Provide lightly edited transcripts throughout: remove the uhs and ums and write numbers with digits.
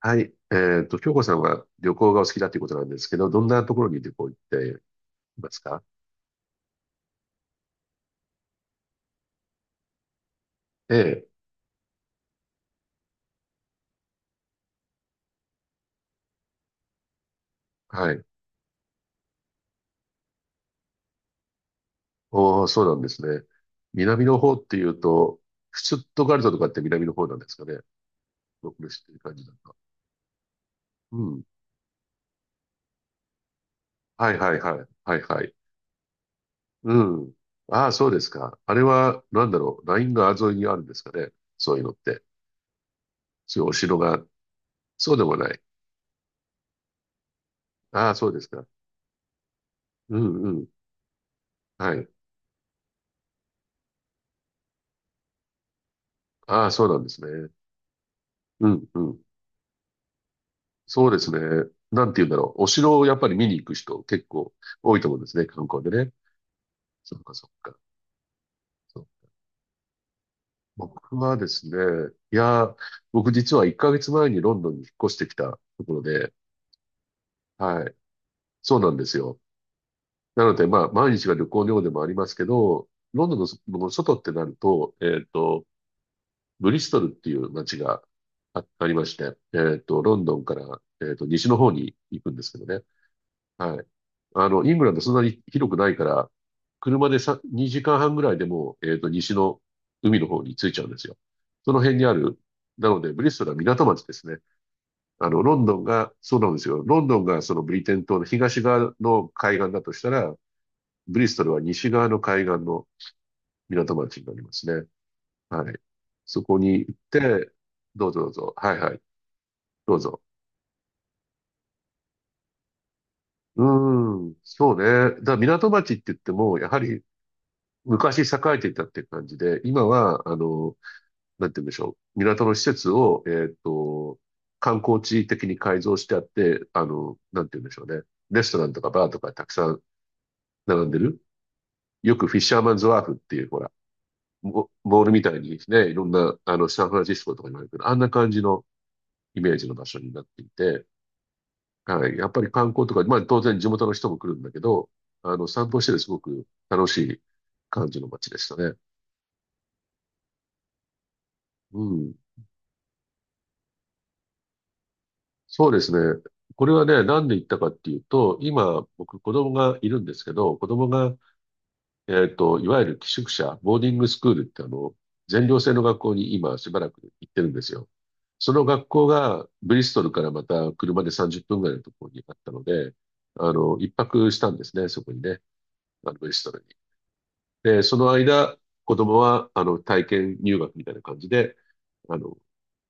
はい。京子さんは旅行がお好きだということなんですけど、どんなところに旅行行っていますか？ええ、はい。おー、そうなんですね。南の方っていうと、シュツットガルトとかって南の方なんですかね。僕の知ってる感じだと。うん。はいはいはい。はいはい。うん。ああ、そうですか。あれは、なんだろう。ライン川沿いにあるんですかね。そういうのって。そういうお城が。そうでもない。ああ、そうですか。うんうん。はい。ああ、そうなんですね。うんうん。そうですね。なんて言うんだろう。お城をやっぱり見に行く人結構多いと思うんですね、観光でね。そっかそっか。そう。僕はですね、いやー、僕実は1ヶ月前にロンドンに引っ越してきたところで、はい。そうなんですよ。なので、まあ、毎日が旅行のようでもありますけど、ロンドンのその外ってなると、ブリストルっていう街がありまして、ロンドンから、西の方に行くんですけどね。はい。あの、イングランドそんなに広くないから、車でさ2時間半ぐらいでもう、西の海の方に着いちゃうんですよ。その辺にある、なので、ブリストルは港町ですね。あの、ロンドンが、そうなんですよ。ロンドンがそのブリテン島の東側の海岸だとしたら、ブリストルは西側の海岸の港町になりますね。はい。そこに行って、どうぞどうぞ。はいはい。どうぞ。うーん、そうね。だから港町って言っても、やはり昔栄えていたっていう感じで、今は、あの、なんて言うんでしょう。港の施設を、観光地的に改造してあって、なんて言うんでしょうね。レストランとかバーとかたくさん並んでる。よくフィッシャーマンズワーフっていう、ほら、モモールみたいにね、いろんな、サンフランシスコとかにもあるけど、あんな感じのイメージの場所になっていて、はい。やっぱり観光とか、まあ当然地元の人も来るんだけど、散歩しててすごく楽しい感じの街でしたね。うん。そうですね。これはね、なんで言ったかっていうと、今、僕、子供がいるんですけど、子供が、いわゆる寄宿舎、ボーディングスクールって、全寮制の学校に今、しばらく行ってるんですよ。その学校が、ブリストルからまた車で30分ぐらいのところにあったので、一泊したんですね、そこにね、ブリストルに。で、その間、子供は、体験入学みたいな感じで、あの、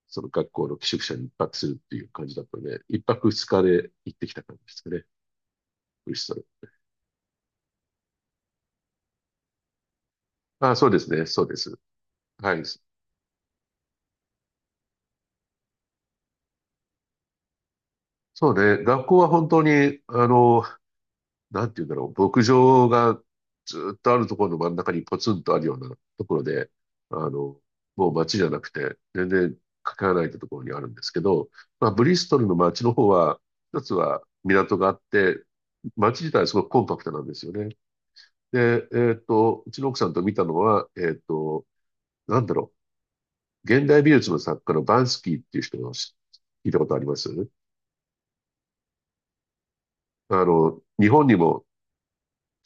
その学校の寄宿舎に一泊するっていう感じだったので、一泊二日で行ってきた感じですかね。ブリストル。あ、そうですね。そうです。はい。そうね。学校は本当に、あの、なんて言うんだろう。牧場がずっとあるところの真ん中にポツンとあるようなところで、あの、もう街じゃなくて、全然かけらないところにあるんですけど、まあ、ブリストルの街の方は、一つは港があって、街自体はすごくコンパクトなんですよね。で、うちの奥さんと見たのは、なんだろう、現代美術の作家のバンスキーっていう人の聞いたことありますあの、日本にも、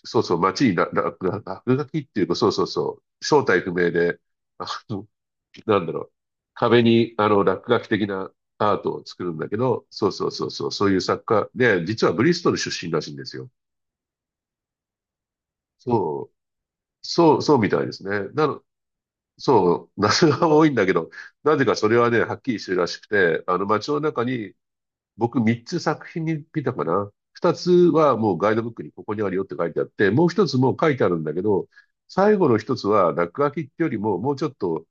そうそう、街に落書きっていうか、そうそうそう、正体不明で、あの、なんだろう、壁に、落書き的なアートを作るんだけど、そうそうそうそう、そういう作家で、実はブリストル出身らしいんですよ。そう、そう、そうみたいですね。そう、謎が多いんだけど、なぜかそれはね、はっきりしてるらしくて、あの街の中に、僕3つ作品に見たかな。2つはもうガイドブックにここにあるよって書いてあって、もう一つもう書いてあるんだけど、最後の一つは落書きってよりも、もうちょっと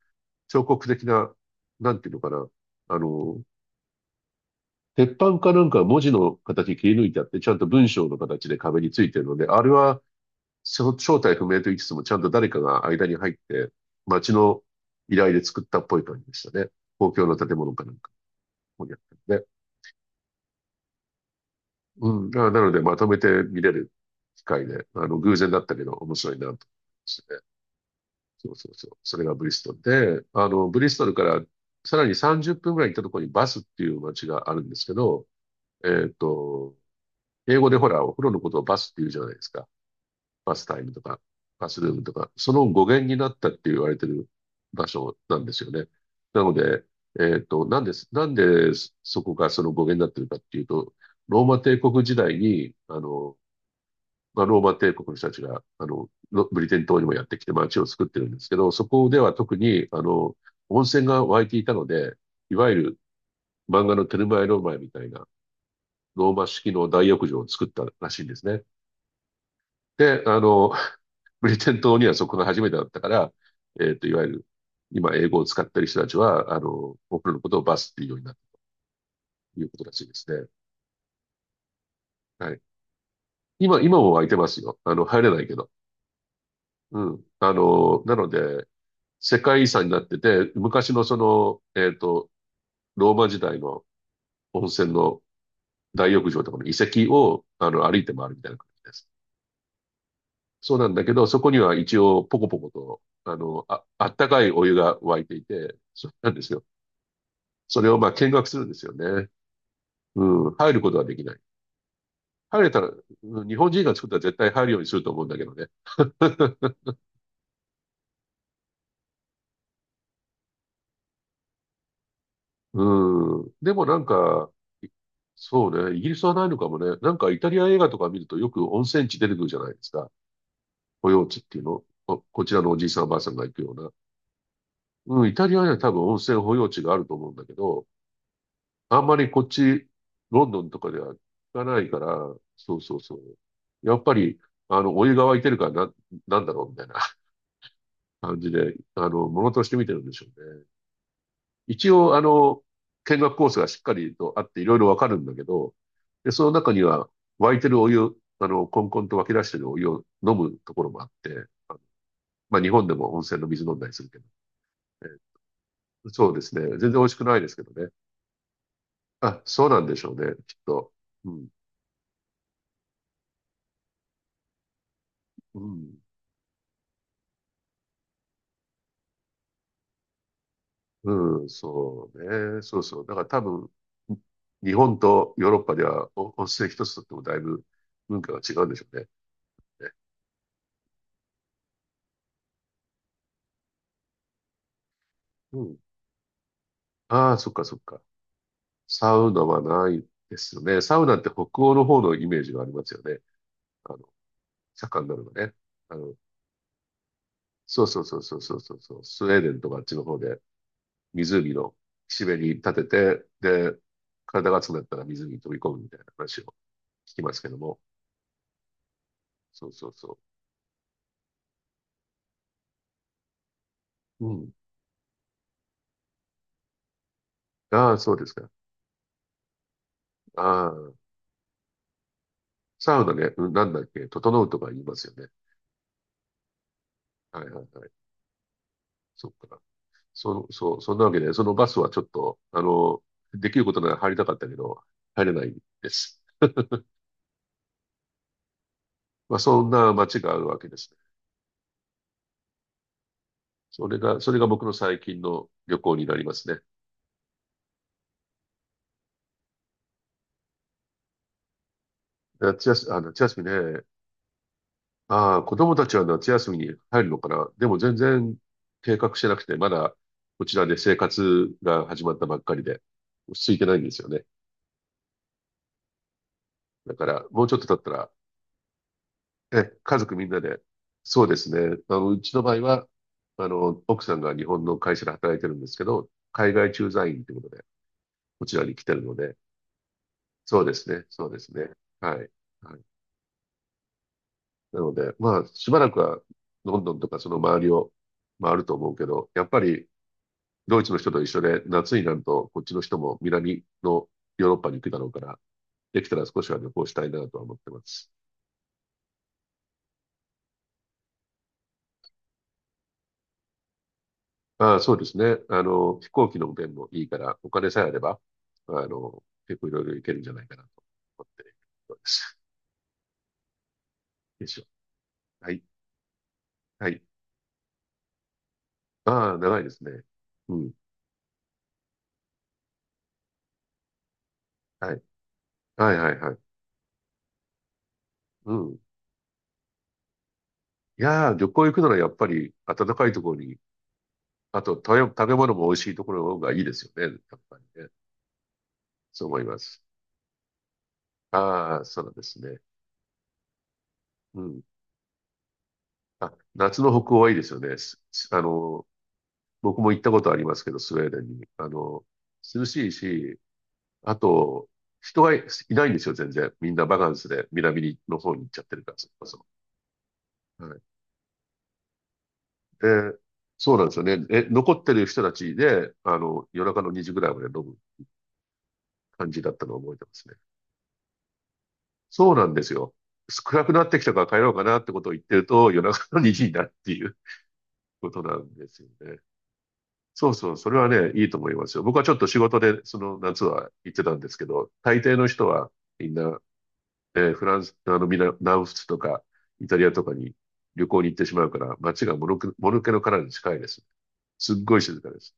彫刻的な、なんていうのかな。あの、鉄板かなんか文字の形切り抜いてあって、ちゃんと文章の形で壁についてるので、あれはその正体不明と言いつつも、ちゃんと誰かが間に入って、町の依頼で作ったっぽい感じでしたね。公共の建物かなんか、ここにあったので。うん。あ、なので、まとめて見れる機会で、偶然だったけど、面白いなと思いましたね。そうそうそう。それがブリストルで、ブリストルからさらに30分ぐらい行ったところにバスっていう街があるんですけど、えっと、英語でほら、お風呂のことをバスって言うじゃないですか。バスタイムとか、バスルームとか、その語源になったって言われてる場所なんですよね。なので、なんでそこがその語源になってるかっていうと、ローマ帝国時代に、まあ、ローマ帝国の人たちが、ロブリテン島にもやってきて街を作ってるんですけど、そこでは特に、温泉が湧いていたので、いわゆる漫画のテルマエ・ローマエみたいなローマ式の大浴場を作ったらしいんですね。で、ブリテン島にはそこが初めてだったから、いわゆる、今英語を使ってる人たちは、僕らのことをバスっていうようになったということらしいですね。はい。今も空いてますよ。あの、入れないけど。うん。なので、世界遺産になってて、昔のその、ローマ時代の温泉の大浴場とかの遺跡を、歩いて回るみたいな感じです。そうなんだけど、そこには一応、ポコポコと、あったかいお湯が沸いていて、そうなんですよ。それをまあ見学するんですよね。うん、入ることはできない。入れたら、うん、日本人が作ったら絶対入るようにすると思うんだけどね。うん。でもなんか、いそうね、イギリスはないのかもね。なんかイタリア映画とか見るとよく温泉地出てくるじゃないですか。保養地っていうの。こちらのおじいさんおばあさんが行くような。うん、イタリアには多分温泉保養地があると思うんだけど、あんまりこっち、ロンドンとかでは聞かないから、そうそうそう。やっぱり、お湯が沸いてるからな、なんだろうみたいな 感じで、ものとして見てるんでしょうね。一応、見学コースがしっかりとあって、いろいろわかるんだけど、で、その中には、沸いてるお湯、コンコンと湧き出してるお湯を飲むところもあって、まあ、日本でも温泉の水飲んだりするけど、ね、そうですね。全然美味しくないですけどね。あ、そうなんでしょうね、きっと。うん、うん、うん、そうね。そうそう。だから多分、日本とヨーロッパではお温泉一つとってもだいぶ文化が違うんでしょうね。ねうん。ああ、そっかそっか。サウナはないですよね。サウナって北欧の方のイメージがありますよね。あの、盛んなのがね。あの、そうそうそうそうそうそうそう、スウェーデンとかあっちの方で湖の岸辺に立てて、で、体が熱くなったら水に飛び込むみたいな話を聞きますけども。そうそうそう。うん。ああ、そうですか。ああ、サウナね、うんなんだっけ、整うとか言いますよね。はいはいはい。そっか。その、そう、そんなわけで、そのバスはちょっと、できることなら入りたかったけど、入れないです。まあ、そんな街があるわけですね。それが僕の最近の旅行になりますね。夏休み、あ、夏休みね。ああ、子供たちは夏休みに入るのかな。でも全然計画してなくて、まだこちらで生活が始まったばっかりで、落ち着いてないんですよね。だから、もうちょっと経ったらえ、家族みんなで。そうですね。うちの場合は、奥さんが日本の会社で働いてるんですけど、海外駐在員ということで、こちらに来てるので、そうですね。そうですね。はい。はい。なので、まあ、しばらくは、ロンドンとかその周りを回ると思うけど、やっぱり、ドイツの人と一緒で、夏になると、こっちの人も南のヨーロッパに行くだろうから、できたら少しは旅行したいなとは思ってます。ああ、そうですね。飛行機の便もいいから、お金さえあれば、結構いろいろいけるんじゃないかなと思っているところです。よいしょ。はい。はい。ああ、長いですね。うん。はい。はい、はい、はい。うん。いやー、旅行行くならやっぱり暖かいところに、あと食べ物も美味しいところの方がいいですよね。やっぱりね。そう思います。ああ、そうなんですね。うん。あ、夏の北欧はいいですよね。僕も行ったことありますけど、スウェーデンに。涼しいし、あと、人がいないんですよ、全然。みんなバカンスで南の方に行っちゃってるから、それこそ。はい。で、そうなんですよね。え、残ってる人たちで、夜中の2時ぐらいまで飲む感じだったのを覚えてますね。そうなんですよ。暗くなってきたから帰ろうかなってことを言ってると、夜中の2時になるっていうことなんですよね。そうそう、それはね、いいと思いますよ。僕はちょっと仕事で、その夏は行ってたんですけど、大抵の人はみんなフランス、南仏とか、イタリアとかに旅行に行ってしまうから、街がもぬけの殻に近いです。すっごい静かです。